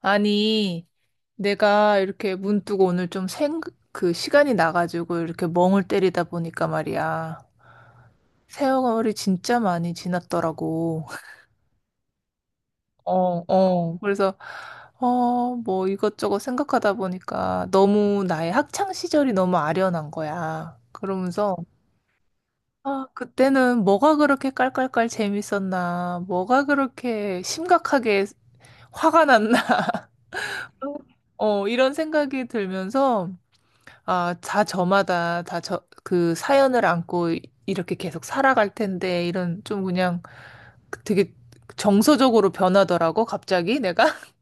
아니, 내가 이렇게 문득 오늘 좀 그 시간이 나가지고 이렇게 멍을 때리다 보니까 말이야. 세월이 진짜 많이 지났더라고. 어, 어. 그래서, 뭐 이것저것 생각하다 보니까 너무 나의 학창 시절이 너무 아련한 거야. 그러면서, 아, 그때는 뭐가 그렇게 깔깔깔 재밌었나, 뭐가 그렇게 심각하게 화가 났나, 어, 이런 생각이 들면서, 아, 다 저마다 그 사연을 안고 이렇게 계속 살아갈 텐데, 이런 좀 그냥 되게 정서적으로 변하더라고, 갑자기 내가.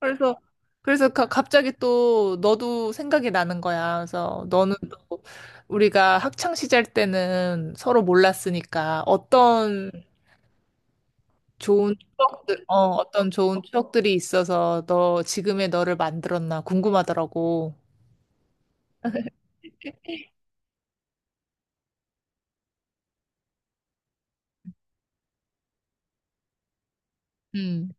그래서, 갑자기 또 너도 생각이 나는 거야. 그래서 너는 또 우리가 학창 시절 때는 서로 몰랐으니까 어떤 좋은 추억들이 있어서 너, 지금의 너를 만들었나 궁금하더라고. 음,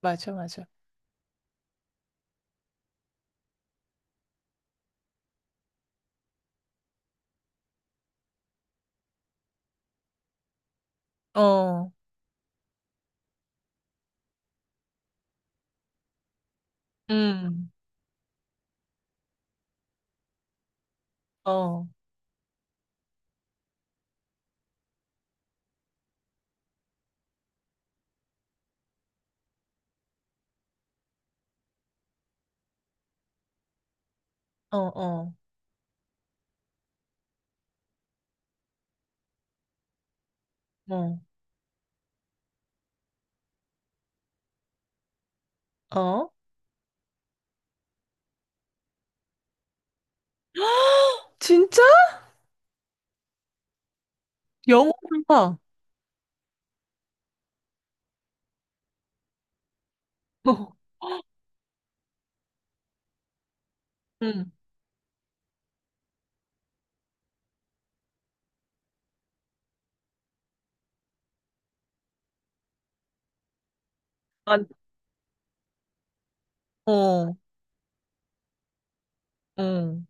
맞아, 맞아. 어, 음. 어, 어, 어, 어, 어. 진짜? 영어 봐. 어, 응. 아, 어, 응.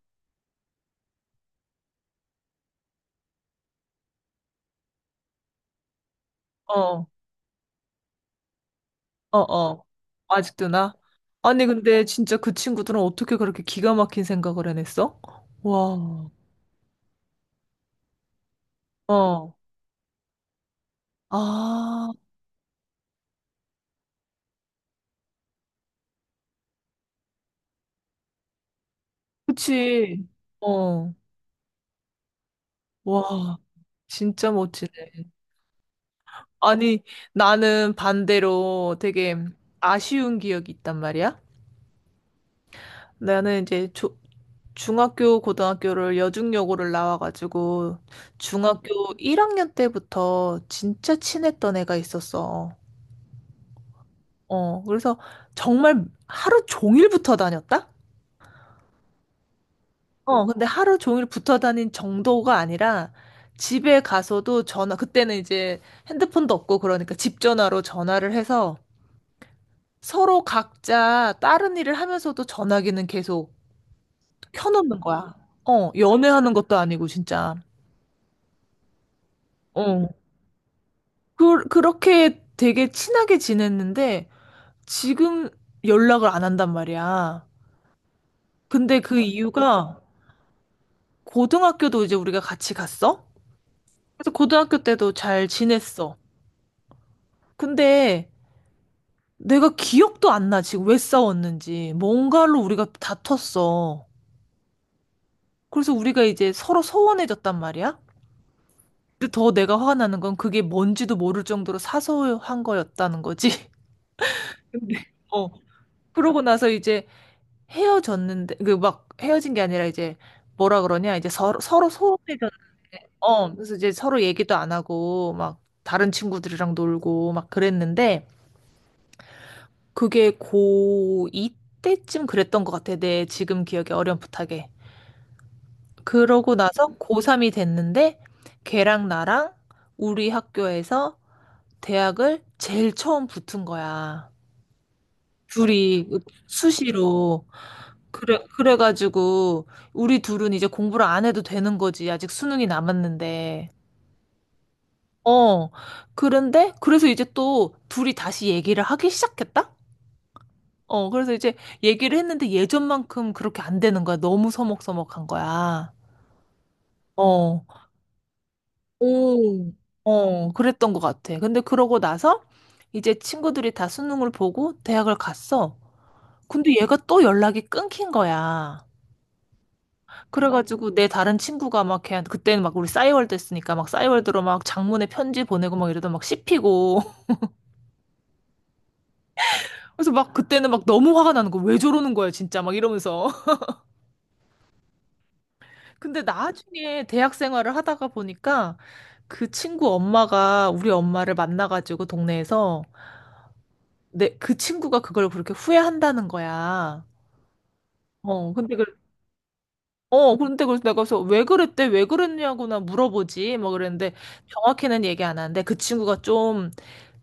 어, 어, 어. 아직도 나? 아니, 근데 진짜 그 친구들은 어떻게 그렇게 기가 막힌 생각을 해냈어? 와, 어. 아, 그치. 어, 와, 진짜 멋지네. 아니, 나는 반대로 되게 아쉬운 기억이 있단 말이야. 나는 이제 조, 중학교, 고등학교를 여중여고를 나와가지고 중학교 1학년 때부터 진짜 친했던 애가 있었어. 어, 그래서 정말 하루 종일 붙어 다녔다? 어, 근데 하루 종일 붙어 다닌 정도가 아니라 집에 가서도 전화, 그때는 이제 핸드폰도 없고 그러니까 집 전화로 전화를 해서 서로 각자 다른 일을 하면서도 전화기는 계속 켜놓는 거야. 어, 연애하는 것도 아니고 진짜. 어. 그렇게 되게 친하게 지냈는데 지금 연락을 안 한단 말이야. 근데 그 이유가 고등학교도 이제 우리가 같이 갔어? 그래서 고등학교 때도 잘 지냈어. 근데 내가 기억도 안 나, 지금 왜 싸웠는지. 뭔가로 우리가 다퉜어. 그래서 우리가 이제 서로 서운해졌단 말이야. 근데 더 내가 화가 나는 건 그게 뭔지도 모를 정도로 사소한 거였다는 거지. 근데 어. 그러고 나서 이제 헤어졌는데 그 막 헤어진 게 아니라 이제 뭐라 그러냐 이제 서로 소홀해졌 어 그래서 이제 서로 얘기도 안 하고 막 다른 친구들이랑 놀고 막 그랬는데 그게 고2 때쯤 그랬던 것 같아 내 지금 기억에 어렴풋하게 그러고 나서 고3이 됐는데 걔랑 나랑 우리 학교에서 대학을 제일 처음 붙은 거야 둘이 수시로 그래 그래가지고 우리 둘은 이제 공부를 안 해도 되는 거지. 아직 수능이 남았는데. 어. 그런데 그래서 이제 또 둘이 다시 얘기를 하기 시작했다? 어. 그래서 이제 얘기를 했는데 예전만큼 그렇게 안 되는 거야. 너무 서먹서먹한 거야. 어. 오. 어. 그랬던 것 같아. 근데 그러고 나서 이제 친구들이 다 수능을 보고 대학을 갔어. 근데 얘가 또 연락이 끊긴 거야. 그래가지고 내 다른 친구가 막 걔한테 그때는 막 우리 싸이월드 했으니까 막 싸이월드로 막 장문의 편지 보내고 막 이러다 막 씹히고 그래서 막 그때는 막 너무 화가 나는 거 왜 저러는 거야 진짜 막 이러면서 근데 나중에 대학 생활을 하다가 보니까 그 친구 엄마가 우리 엄마를 만나가지고 동네에서 내 그 친구가 그걸 그렇게 후회한다는 거야. 어, 근데 그, 근데 그래서 내가 그래서 왜 그랬대? 왜 그랬냐고 나 물어보지? 뭐 그랬는데 정확히는 얘기 안 하는데 그 친구가 좀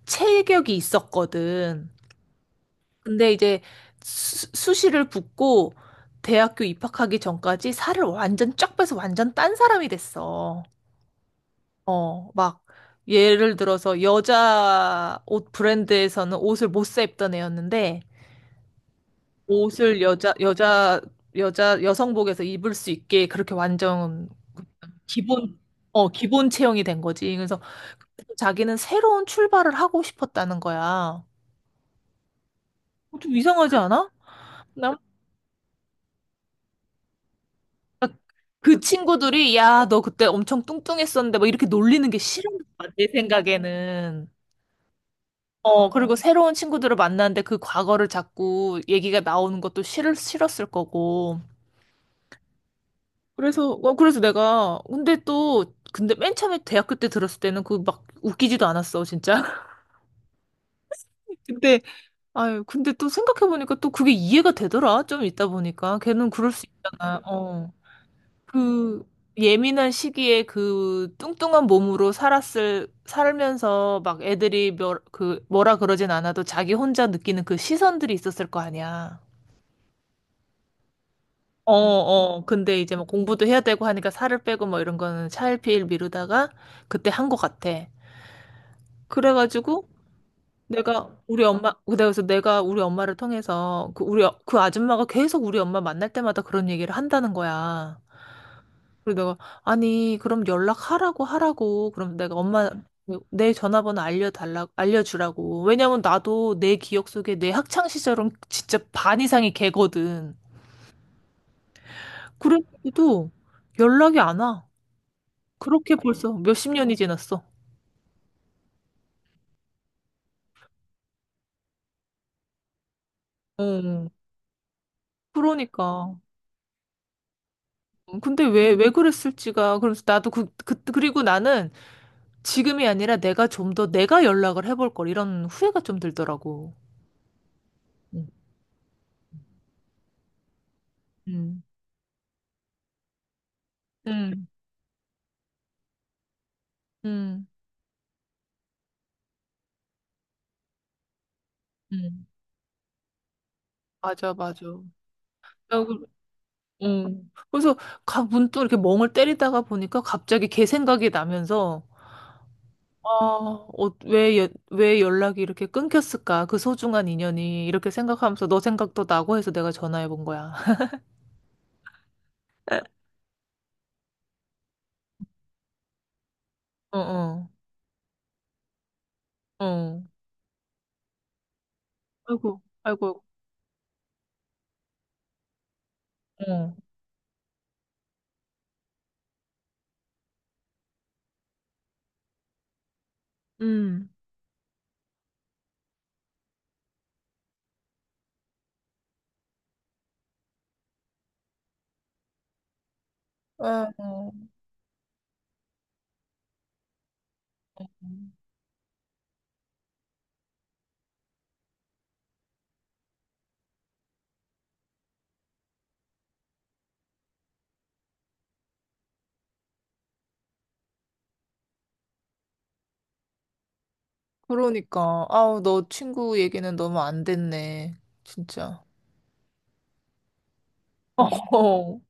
체격이 있었거든. 근데 이제 수시를 붙고 대학교 입학하기 전까지 살을 완전 쫙 빼서 완전 딴 사람이 됐어. 어, 막 예를 들어서 여자 옷 브랜드에서는 옷을 못사 입던 애였는데 옷을 여자 여성복에서 입을 수 있게 그렇게 완전 기본 기본 체형이 된 거지. 그래서 자기는 새로운 출발을 하고 싶었다는 거야. 어, 좀 이상하지 않아? 나 막 그 친구들이 야, 너 그때 엄청 뚱뚱했었는데 막 이렇게 놀리는 게 싫은 거야, 내 생각에는. 어, 그리고 새로운 친구들을 만났는데 그 과거를 자꾸 얘기가 나오는 것도 싫었을 거고. 그래서, 어, 그래서 내가, 근데 또, 근데 맨 처음에 대학교 때 들었을 때는 그 막 웃기지도 않았어, 진짜. 근데, 아유, 근데 또 생각해보니까 또 그게 이해가 되더라, 좀 있다 보니까. 걔는 그럴 수 있잖아, 어. 그 예민한 시기에 그 뚱뚱한 몸으로 살면서 막 애들이 그 뭐라 그러진 않아도 자기 혼자 느끼는 그 시선들이 있었을 거 아니야. 어, 어. 근데 이제 뭐 공부도 해야 되고 하니까 살을 빼고 뭐 이런 거는 차일피일 미루다가 그때 한 것 같아. 그래가지고 그래서 내가 우리 엄마를 통해서 그 우리, 그 아줌마가 계속 우리 엄마 만날 때마다 그런 얘기를 한다는 거야. 그리고 내가 아니 그럼 연락하라고 하라고 그럼 내가 엄마 내 전화번호 알려달라 알려주라고 왜냐면 나도 내 기억 속에 내 학창 시절은 진짜 반 이상이 걔거든 그런데도 연락이 안 와 그렇게 벌써 몇십 년이 지났어 어 그러니까 근데 왜 그랬을지가 그래서 나도 그리고 나는 지금이 아니라 내가 좀 더 내가 연락을 해볼 걸 이런 후회가 좀 들더라고 응 응 응 응 응. 맞아, 맞아. 야, 그, 그래서 가, 문득 이렇게 멍을 때리다가 보니까 갑자기 걔 생각이 나면서 왜 연락이 이렇게 끊겼을까? 그 소중한 인연이 이렇게 생각하면서 너 생각도 나고 해서 내가 전화해 본 거야. 어, 어, 어. 아이고, 아이고, 아이고. 어. 음. 아, 어. 그러니까. 아우, 너 친구 얘기는 너무 안 됐네. 진짜. 어,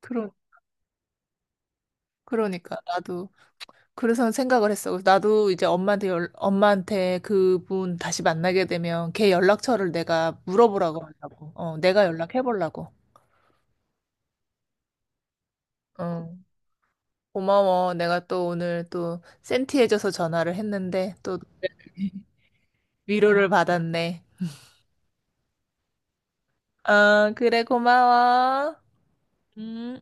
그러, 그러니까. 나도. 그래서 생각을 했어. 그래서 나도 이제 엄마한테 그분 다시 만나게 되면 걔 연락처를 내가 물어보라고 하려고. 어, 내가 연락해 보려고. 응. 고마워. 내가 또 오늘 또 센티해져서 전화를 했는데 또 위로를 받았네. 아, 그래, 고마워. 음.